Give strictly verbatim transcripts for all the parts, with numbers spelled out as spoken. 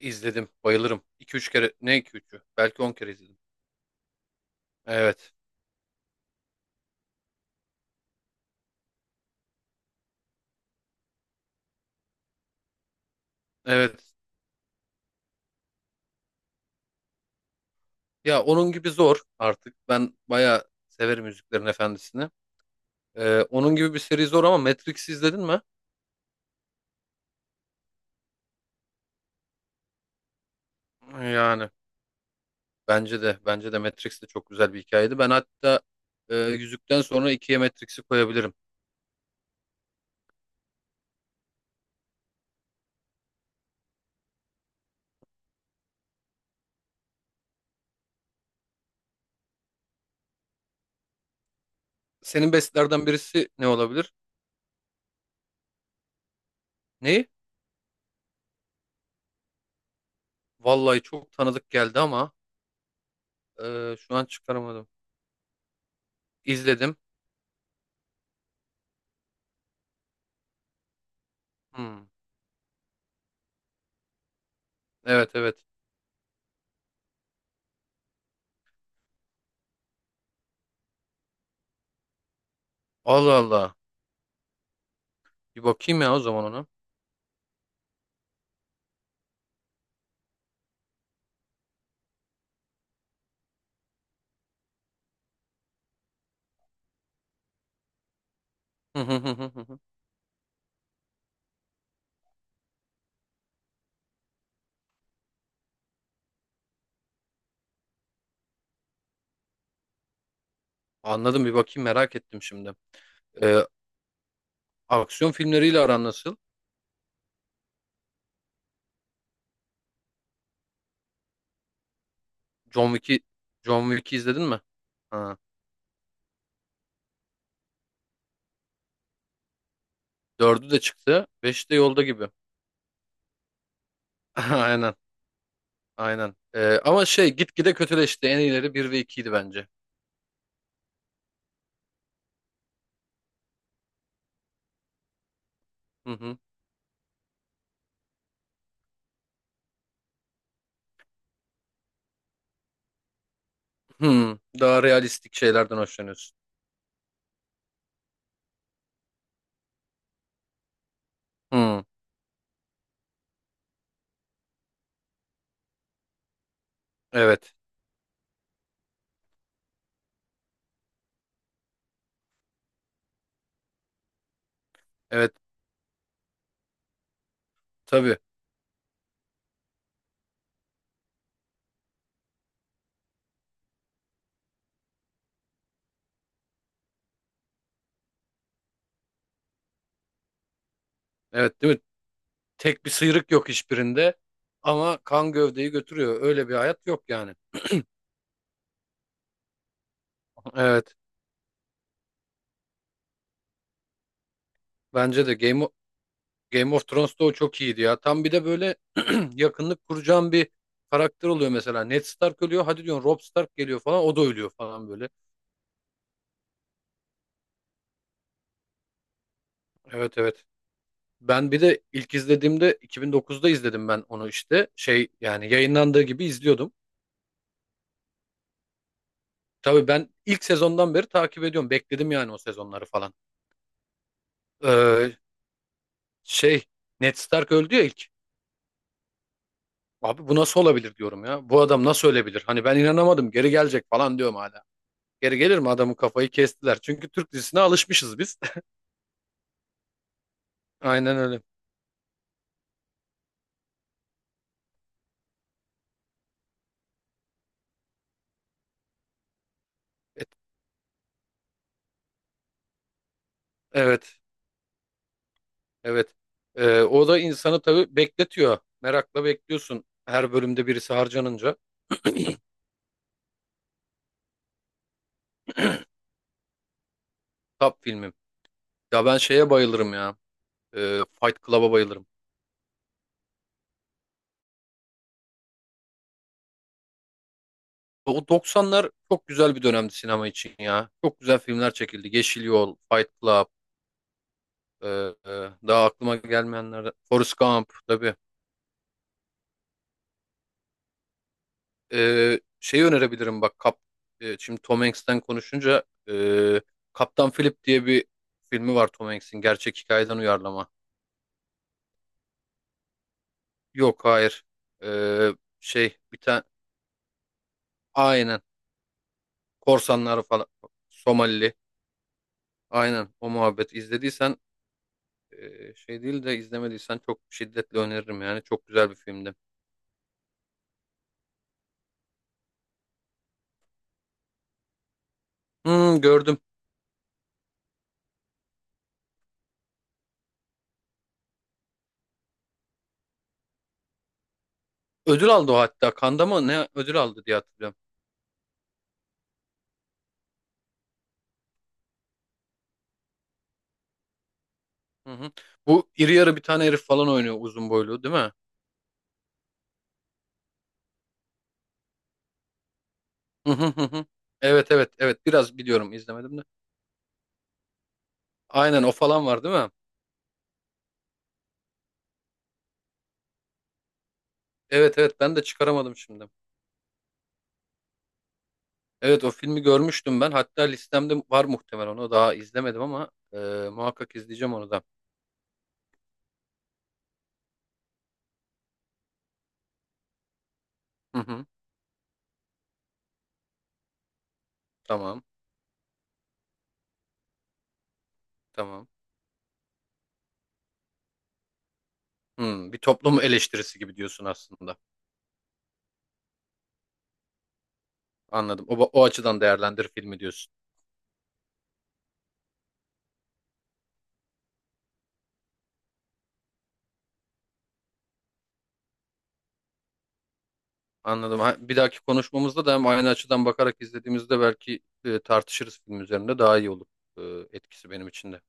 İzledim. Bayılırım. iki üç kere. Ne iki üçü? Belki on kere izledim. Evet. Evet. Ya onun gibi zor artık. Ben bayağı severim Yüzüklerin Efendisi'ni. Ee, onun gibi bir seri zor ama Matrix izledin mi? Yani bence de. Bence de Matrix de çok güzel bir hikayeydi. Ben hatta e, Yüzükten sonra ikiye Matrix'i koyabilirim. Senin bestlerden birisi ne olabilir? Neyi? Vallahi çok tanıdık geldi ama e, şu an çıkaramadım. İzledim. Hmm. Evet evet. Allah Allah. Bir bakayım ya o zaman ona. Hı hı hı hı hı hı. Anladım bir bakayım merak ettim şimdi. Ee, aksiyon filmleriyle aran nasıl? John Wick'i John Wick'i izledin mi? Ha. Dördü de çıktı. Beşi de yolda gibi. Aynen. Aynen. Ee, ama şey gitgide kötüleşti. En iyileri bir ve ikiydi bence. Hı hı. Hı. Daha realistik şeylerden hoşlanıyorsun. Hı. Evet. Evet. Tabii. Evet değil mi? Tek bir sıyrık yok hiçbirinde. Ama kan gövdeyi götürüyor. Öyle bir hayat yok yani. Evet. Bence de Game Game of Thrones'ta o çok iyiydi ya. Tam bir de böyle yakınlık kuracağın bir karakter oluyor mesela. Ned Stark ölüyor. Hadi diyorsun Robb Stark geliyor falan. O da ölüyor falan böyle. Evet evet. Ben bir de ilk izlediğimde iki bin dokuzda izledim ben onu işte. Şey yani yayınlandığı gibi izliyordum. Tabii ben ilk sezondan beri takip ediyorum. Bekledim yani o sezonları falan. Ee, şey Ned Stark öldü ya ilk. Abi bu nasıl olabilir diyorum ya. Bu adam nasıl ölebilir? Hani ben inanamadım. Geri gelecek falan diyorum hala. Geri gelir mi adamın kafayı kestiler. Çünkü Türk dizisine alışmışız biz. Aynen öyle. Et- Evet, evet. Ee, o da insanı tabii bekletiyor. Merakla bekliyorsun her bölümde birisi harcanınca. Top filmim. Ya ben şeye bayılırım ya. Ee, Fight Club'a bayılırım. O doksanlar çok güzel bir dönemdi sinema için ya. Çok güzel filmler çekildi. Yeşil Yol, Fight Club, ee, e, daha aklıma gelmeyenler. Forrest Gump tabii. Ee, şey önerebilirim bak Kap e, şimdi Tom Hanks'ten konuşunca e, Kaptan Philip diye bir filmi var Tom Hanks'in gerçek hikayeden uyarlama. Yok hayır. Ee, şey bir tane aynen korsanlar falan Somalili aynen o muhabbet izlediysen e, şey değil de izlemediysen çok şiddetle öneririm yani çok güzel bir filmdi. Hmm, gördüm. Ödül aldı o hatta. Kanda mı ne ödül aldı diye hatırlıyorum. Hı hı. Bu iri yarı bir tane herif falan oynuyor uzun boylu değil mi? Hı hı hı hı. Evet evet evet biraz biliyorum izlemedim de. Aynen o falan var değil mi? Evet evet ben de çıkaramadım şimdi. Evet o filmi görmüştüm ben. Hatta listemde var muhtemelen onu daha izlemedim ama e, muhakkak izleyeceğim onu da. Hı hı. Tamam tamam. Hmm, bir toplum eleştirisi gibi diyorsun aslında. Anladım. O, o açıdan değerlendir filmi diyorsun. Anladım. Ha, bir dahaki konuşmamızda da hem aynı açıdan bakarak izlediğimizde belki e, tartışırız film üzerinde daha iyi olur e, etkisi benim için de.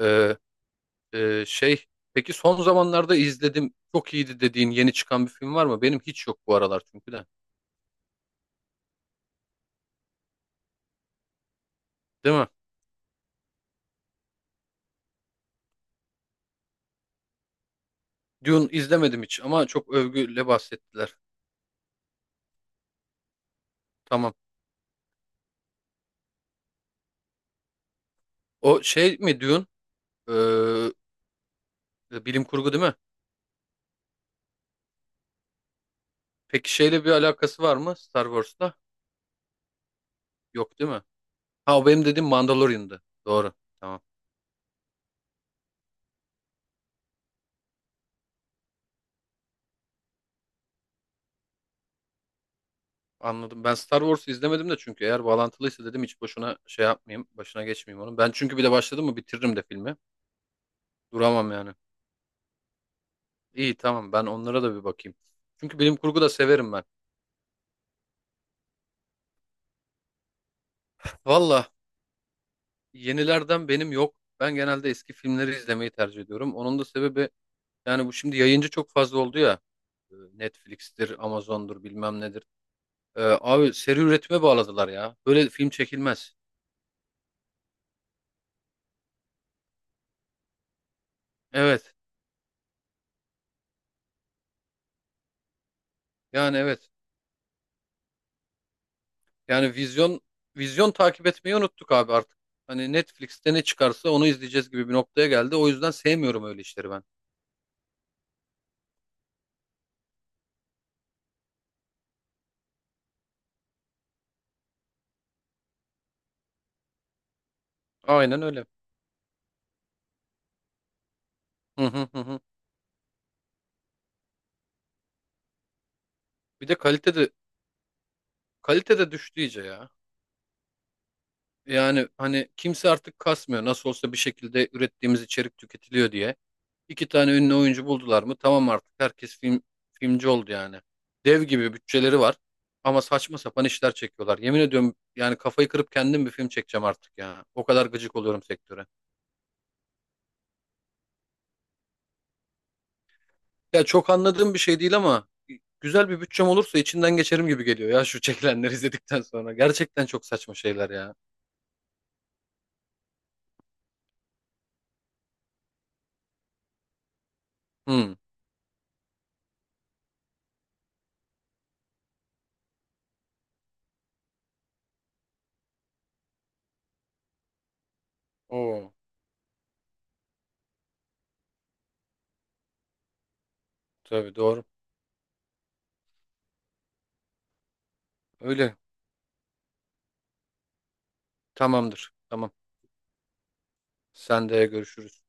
E, Ee, şey peki son zamanlarda izledim çok iyiydi dediğin yeni çıkan bir film var mı? Benim hiç yok bu aralar çünkü de. Değil mi? Dune izlemedim hiç ama çok övgüyle bahsettiler. Tamam. O şey mi Dune? Ee, bilim kurgu değil mi? Peki şeyle bir alakası var mı Star Wars'la? Yok değil mi? Ha o benim dediğim Mandalorian'dı. Doğru. Tamam. Anladım. Ben Star Wars'u izlemedim de çünkü eğer bağlantılıysa dedim hiç boşuna şey yapmayayım. Başına geçmeyeyim onun. Ben çünkü bir de başladım mı bitiririm de filmi. Duramam yani. İyi tamam ben onlara da bir bakayım. Çünkü bilim kurgu da severim ben. Valla yenilerden benim yok. Ben genelde eski filmleri izlemeyi tercih ediyorum. Onun da sebebi yani bu şimdi yayıncı çok fazla oldu ya. E, Netflix'tir, Amazon'dur bilmem nedir. E, abi seri üretime bağladılar ya. Böyle film çekilmez. Evet yani evet. Yani vizyon vizyon takip etmeyi unuttuk abi artık. Hani Netflix'te ne çıkarsa onu izleyeceğiz gibi bir noktaya geldi. O yüzden sevmiyorum öyle işleri ben. Aynen öyle. Hı hı hı. Hı. Bir de kalitede Kalite de düştü iyice ya. Yani hani kimse artık kasmıyor. Nasıl olsa bir şekilde ürettiğimiz içerik tüketiliyor diye. İki tane ünlü oyuncu buldular mı? Tamam artık herkes film filmci oldu yani. Dev gibi bütçeleri var. Ama saçma sapan işler çekiyorlar. Yemin ediyorum yani kafayı kırıp kendim bir film çekeceğim artık ya. O kadar gıcık oluyorum sektöre. Ya çok anladığım bir şey değil ama güzel bir bütçem olursa içinden geçerim gibi geliyor ya şu çekilenleri izledikten sonra. Gerçekten çok saçma şeyler ya. Hmm. Oo, tabii doğru. Öyle. Tamamdır. Tamam. Sen de görüşürüz.